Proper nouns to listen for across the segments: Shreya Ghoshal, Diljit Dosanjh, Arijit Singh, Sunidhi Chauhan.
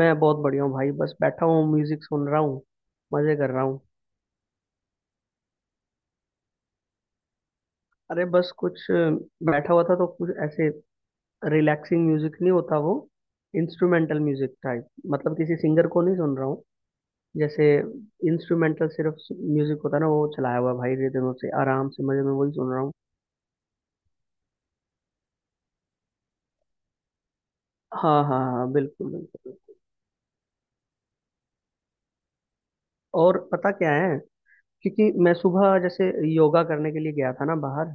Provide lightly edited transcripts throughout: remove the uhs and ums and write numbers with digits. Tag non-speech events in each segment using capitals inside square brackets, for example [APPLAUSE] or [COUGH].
मैं बहुत बढ़िया हूँ भाई। बस बैठा हूँ, म्यूजिक सुन रहा हूँ, मजे कर रहा हूँ। अरे बस कुछ बैठा हुआ था तो कुछ ऐसे रिलैक्सिंग म्यूजिक नहीं होता वो, इंस्ट्रूमेंटल म्यूजिक टाइप। मतलब किसी सिंगर को नहीं सुन रहा हूँ। जैसे इंस्ट्रूमेंटल सिर्फ म्यूजिक होता है ना, वो चलाया हुआ भाई, ये दिनों से आराम से मजे में वही सुन रहा हूँ। हाँ हाँ हाँ, बिल्कुल बिल्कुल। और पता क्या है, क्योंकि मैं सुबह जैसे योगा करने के लिए गया था ना बाहर।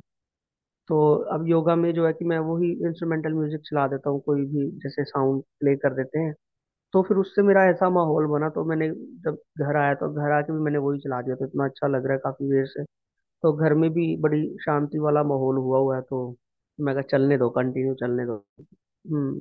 तो अब योगा में जो है कि मैं वही इंस्ट्रूमेंटल म्यूजिक चला देता हूँ, कोई भी जैसे साउंड प्ले कर देते हैं। तो फिर उससे मेरा ऐसा माहौल बना, तो मैंने जब घर आया तो घर आके भी मैंने वही चला दिया, तो इतना अच्छा लग रहा है काफी देर से। तो घर में भी बड़ी शांति वाला माहौल हुआ हुआ है, तो मैं कहा चलने दो, कंटिन्यू चलने दो। हम्म।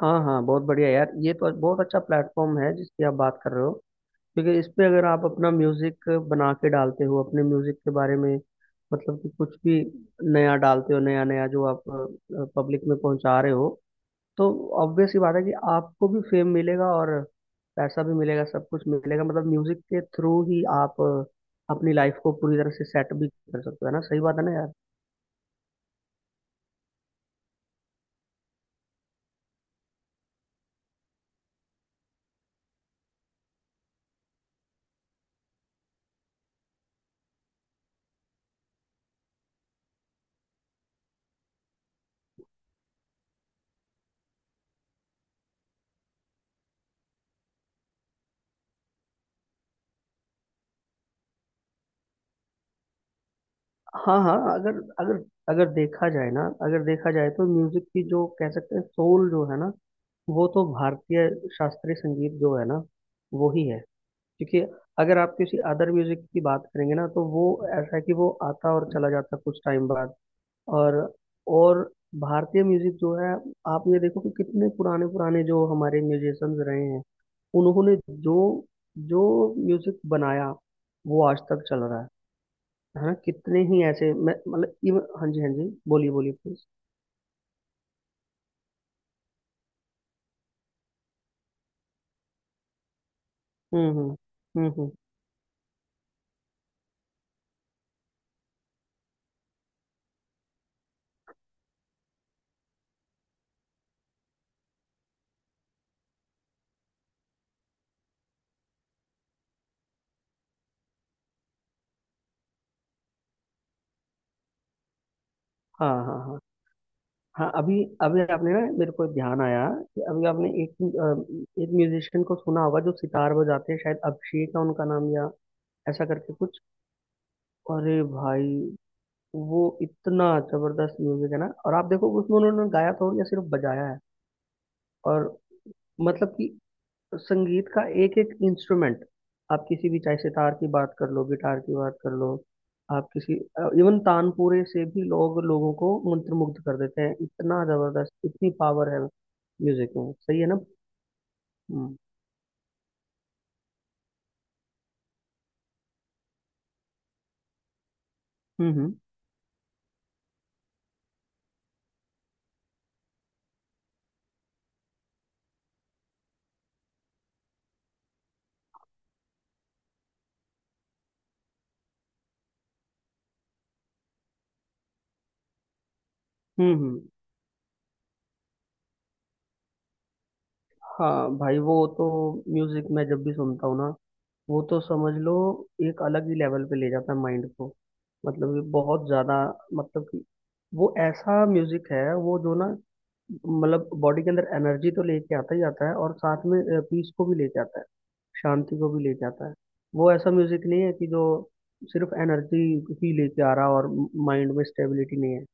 हाँ हाँ, बहुत बढ़िया यार, ये तो बहुत अच्छा प्लेटफॉर्म है जिसकी आप बात कर रहे हो। क्योंकि इस पे अगर आप अपना म्यूजिक बना के डालते हो, अपने म्यूजिक के बारे में, मतलब कि कुछ भी नया डालते हो, नया नया जो आप पब्लिक में पहुंचा रहे हो, तो ऑब्वियस सी बात है कि आपको भी फेम मिलेगा और पैसा भी मिलेगा, सब कुछ मिलेगा। मतलब म्यूजिक के थ्रू ही आप अपनी लाइफ को पूरी तरह से सेट भी कर सकते हो। है ना, सही बात है ना यार। हाँ हाँ, अगर अगर अगर देखा जाए ना, अगर देखा जाए तो म्यूजिक की जो कह सकते हैं सोल जो है ना, वो तो भारतीय शास्त्रीय संगीत जो है ना, वो ही है। क्योंकि अगर आप किसी अदर म्यूजिक की बात करेंगे ना, तो वो ऐसा है कि वो आता और चला जाता कुछ टाइम बाद। और और भारतीय म्यूजिक जो है, आप ये देखो कि कितने पुराने पुराने जो हमारे म्यूजिशियंस रहे हैं, उन्होंने जो जो म्यूजिक बनाया वो आज तक चल रहा है। हाँ कितने ही ऐसे मैं मतलब हाँ जी हाँ जी। बोलिए बोलिए प्लीज। हम्म। हम्म। हाँ हाँ हाँ, हाँ अभी अभी आपने ना मेरे को ध्यान आया कि अभी आपने एक एक म्यूजिशियन को सुना होगा जो सितार बजाते हैं, शायद अभिषेक है उनका नाम या ऐसा करके कुछ। अरे भाई, वो इतना जबरदस्त म्यूजिक है ना, और आप देखो उसमें उन्होंने गाया तो या सिर्फ बजाया है। और मतलब कि तो संगीत का एक एक इंस्ट्रूमेंट, आप किसी भी, चाहे सितार की बात कर लो, गिटार की बात कर लो, आप किसी इवन तानपुरे से भी लोग लोगों को मंत्रमुग्ध कर देते हैं, इतना जबरदस्त, इतनी पावर है म्यूजिक में, सही है ना। हम्म हम्म। हम्म। हम्म। हाँ भाई, वो तो म्यूजिक मैं जब भी सुनता हूँ ना, वो तो समझ लो एक अलग ही लेवल पे ले जाता है माइंड को। मतलब कि बहुत ज्यादा, मतलब कि वो ऐसा म्यूजिक है, वो जो ना मतलब बॉडी के अंदर एनर्जी तो लेके आता ही आता है, और साथ में पीस को भी लेके आता है, शांति को भी लेके आता है। वो ऐसा म्यूजिक नहीं है कि जो सिर्फ एनर्जी ही लेके आ रहा और माइंड में स्टेबिलिटी नहीं है।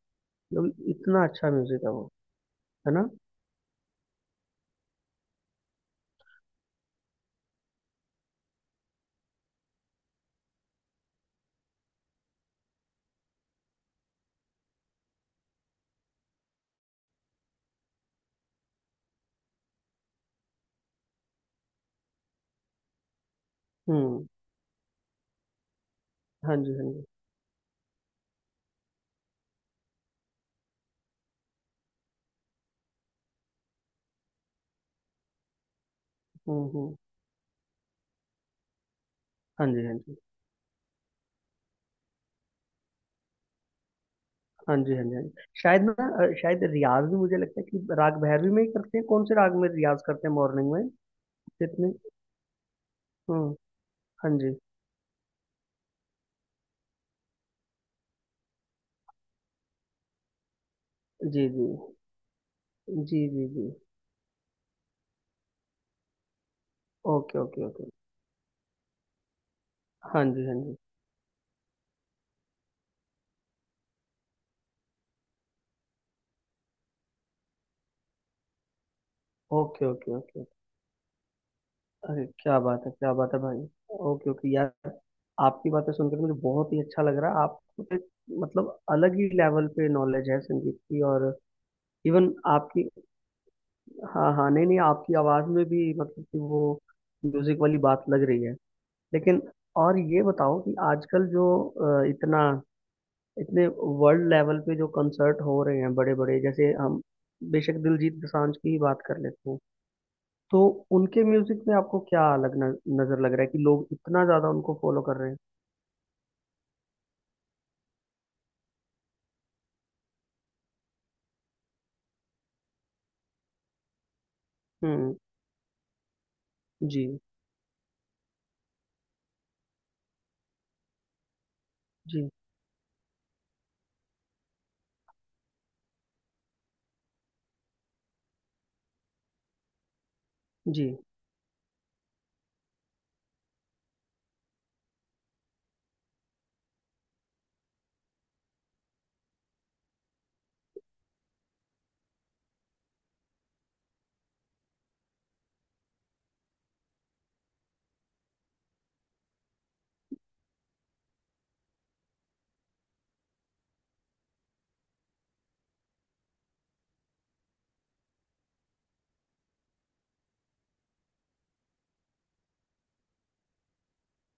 जो इतना अच्छा म्यूजिक है वो, है ना। हम्म। हाँ जी हाँ जी। हम्म। हाँ जी हाँ जी हाँ जी। हाँ जी हाँ जी शायद ना, शायद रियाज भी मुझे लगता है कि राग भैरवी में ही करते हैं। कौन से राग में रियाज करते हैं मॉर्निंग में, कितने। हम्म। हाँ जी। जी जी जी। जी जी। Okay okay okay. हाँ जी हाँ जी। Okay okay okay. अरे क्या बात है, क्या बात है भाई। ओके ओके यार, आपकी बातें सुनकर मुझे बहुत ही अच्छा लग रहा है। आपको तो एक, मतलब अलग ही लेवल पे नॉलेज है संगीत की। और इवन आपकी, हाँ हाँ, नहीं नहीं, आपकी आवाज़ में भी मतलब कि वो म्यूजिक वाली बात लग रही है। लेकिन और ये बताओ कि आजकल जो इतना, इतने वर्ल्ड लेवल पे जो कंसर्ट हो रहे हैं बड़े बड़े, जैसे हम बेशक दिलजीत दोसांझ की ही बात कर लेते हैं, तो उनके म्यूजिक में आपको क्या अलग न, नजर लग रहा है कि लोग इतना ज्यादा उनको फॉलो कर रहे हैं। हम्म। जी जी जी।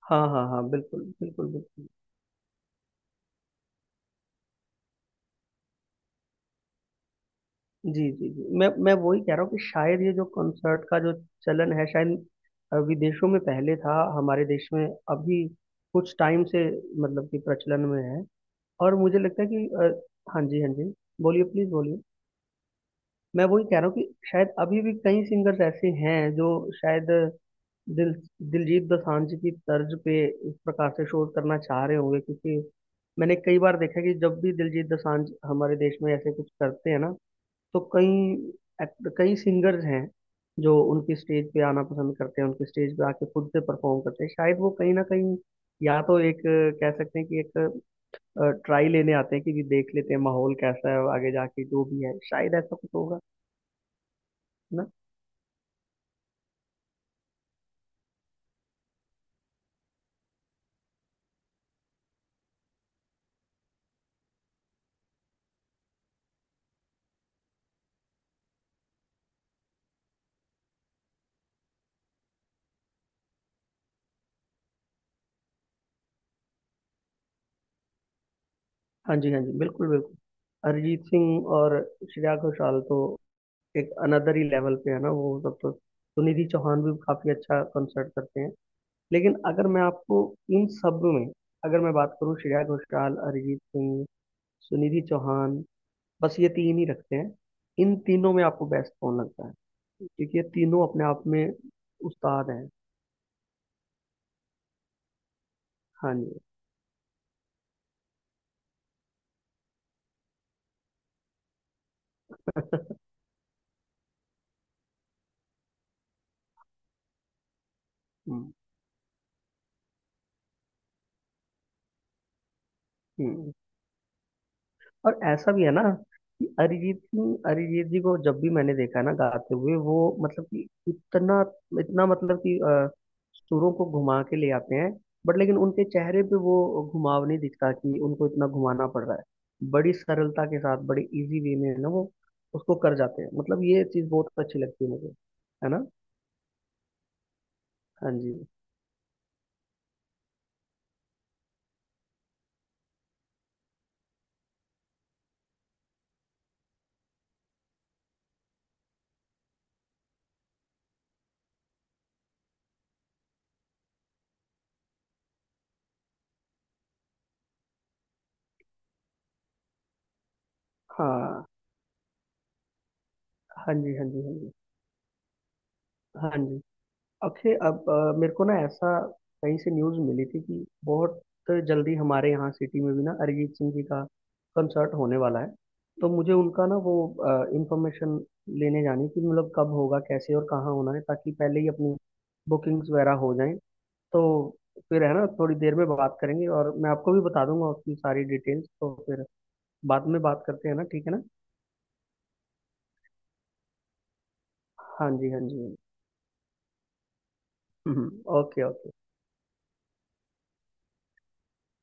हाँ हाँ हाँ, बिल्कुल बिल्कुल बिल्कुल। जी जी जी, मैं वही कह रहा हूँ कि शायद ये जो कंसर्ट का जो चलन है, शायद विदेशों में पहले था, हमारे देश में अभी कुछ टाइम से मतलब कि प्रचलन में है। और मुझे लगता है कि हाँ जी हाँ जी। बोलिए प्लीज बोलिए। मैं वही कह रहा हूँ कि शायद अभी भी कई सिंगर्स ऐसे हैं जो शायद दिल दिलजीत दोसांझ की तर्ज पे इस प्रकार से शोध करना चाह रहे होंगे। क्योंकि मैंने कई बार देखा कि जब भी दिलजीत दोसांझ हमारे देश में ऐसे कुछ करते हैं ना, तो कई कई सिंगर्स हैं जो उनकी स्टेज पे आना पसंद करते हैं, उनकी स्टेज पे आके खुद से परफॉर्म करते हैं। शायद वो कहीं ना कहीं या तो एक कह सकते हैं कि एक ट्राई लेने आते हैं कि जी देख लेते हैं माहौल कैसा है, आगे जाके जो भी है शायद ऐसा कुछ होगा ना। हाँ जी हाँ जी, बिल्कुल बिल्कुल। अरिजीत सिंह और श्रेया घोषाल तो एक अनदर ही लेवल पे है ना, वो सब तो। सुनिधि चौहान भी काफी अच्छा कंसर्ट करते हैं। लेकिन अगर मैं आपको इन सब में, अगर मैं बात करूँ श्रेया घोषाल, अरिजीत सिंह, सुनिधि चौहान, बस ये तीन ही रखते हैं, इन तीनों में आपको बेस्ट कौन लगता है? क्योंकि ये तीनों अपने आप में उस्ताद हैं। हाँ जी। [LAUGHS] हम्म हम्म। और ऐसा भी है ना कि अरिजीत सिंह, अरिजीत जी को जब भी मैंने देखा है ना गाते हुए, वो मतलब कि इतना, इतना मतलब कि सुरों को घुमा के ले आते हैं। बट लेकिन उनके चेहरे पे वो घुमाव नहीं दिखता कि उनको इतना घुमाना पड़ रहा है, बड़ी सरलता के साथ बड़ी इजी वे में ना वो उसको कर जाते हैं। मतलब ये चीज़ बहुत अच्छी लगती है मुझे, है ना। हाँ जी। हाँ हाँ जी हाँ जी हाँ जी। हाँ जी अक्षय, अब मेरे को ना ऐसा कहीं से न्यूज़ मिली थी कि बहुत जल्दी हमारे यहाँ सिटी में भी ना अरिजीत सिंह जी का कंसर्ट होने वाला है। तो मुझे उनका ना वो इंफॉर्मेशन लेने जानी कि मतलब कब होगा, कैसे और कहाँ होना है, ताकि पहले ही अपनी बुकिंग्स वगैरह हो जाएं। तो फिर है ना थोड़ी देर में बात करेंगे, और मैं आपको भी बता दूंगा उसकी सारी डिटेल्स, तो फिर बाद में बात करते हैं ना। ठीक है ना। हाँ जी हाँ जी। हम्म। Okay okay.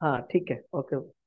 हाँ ठीक है ओके।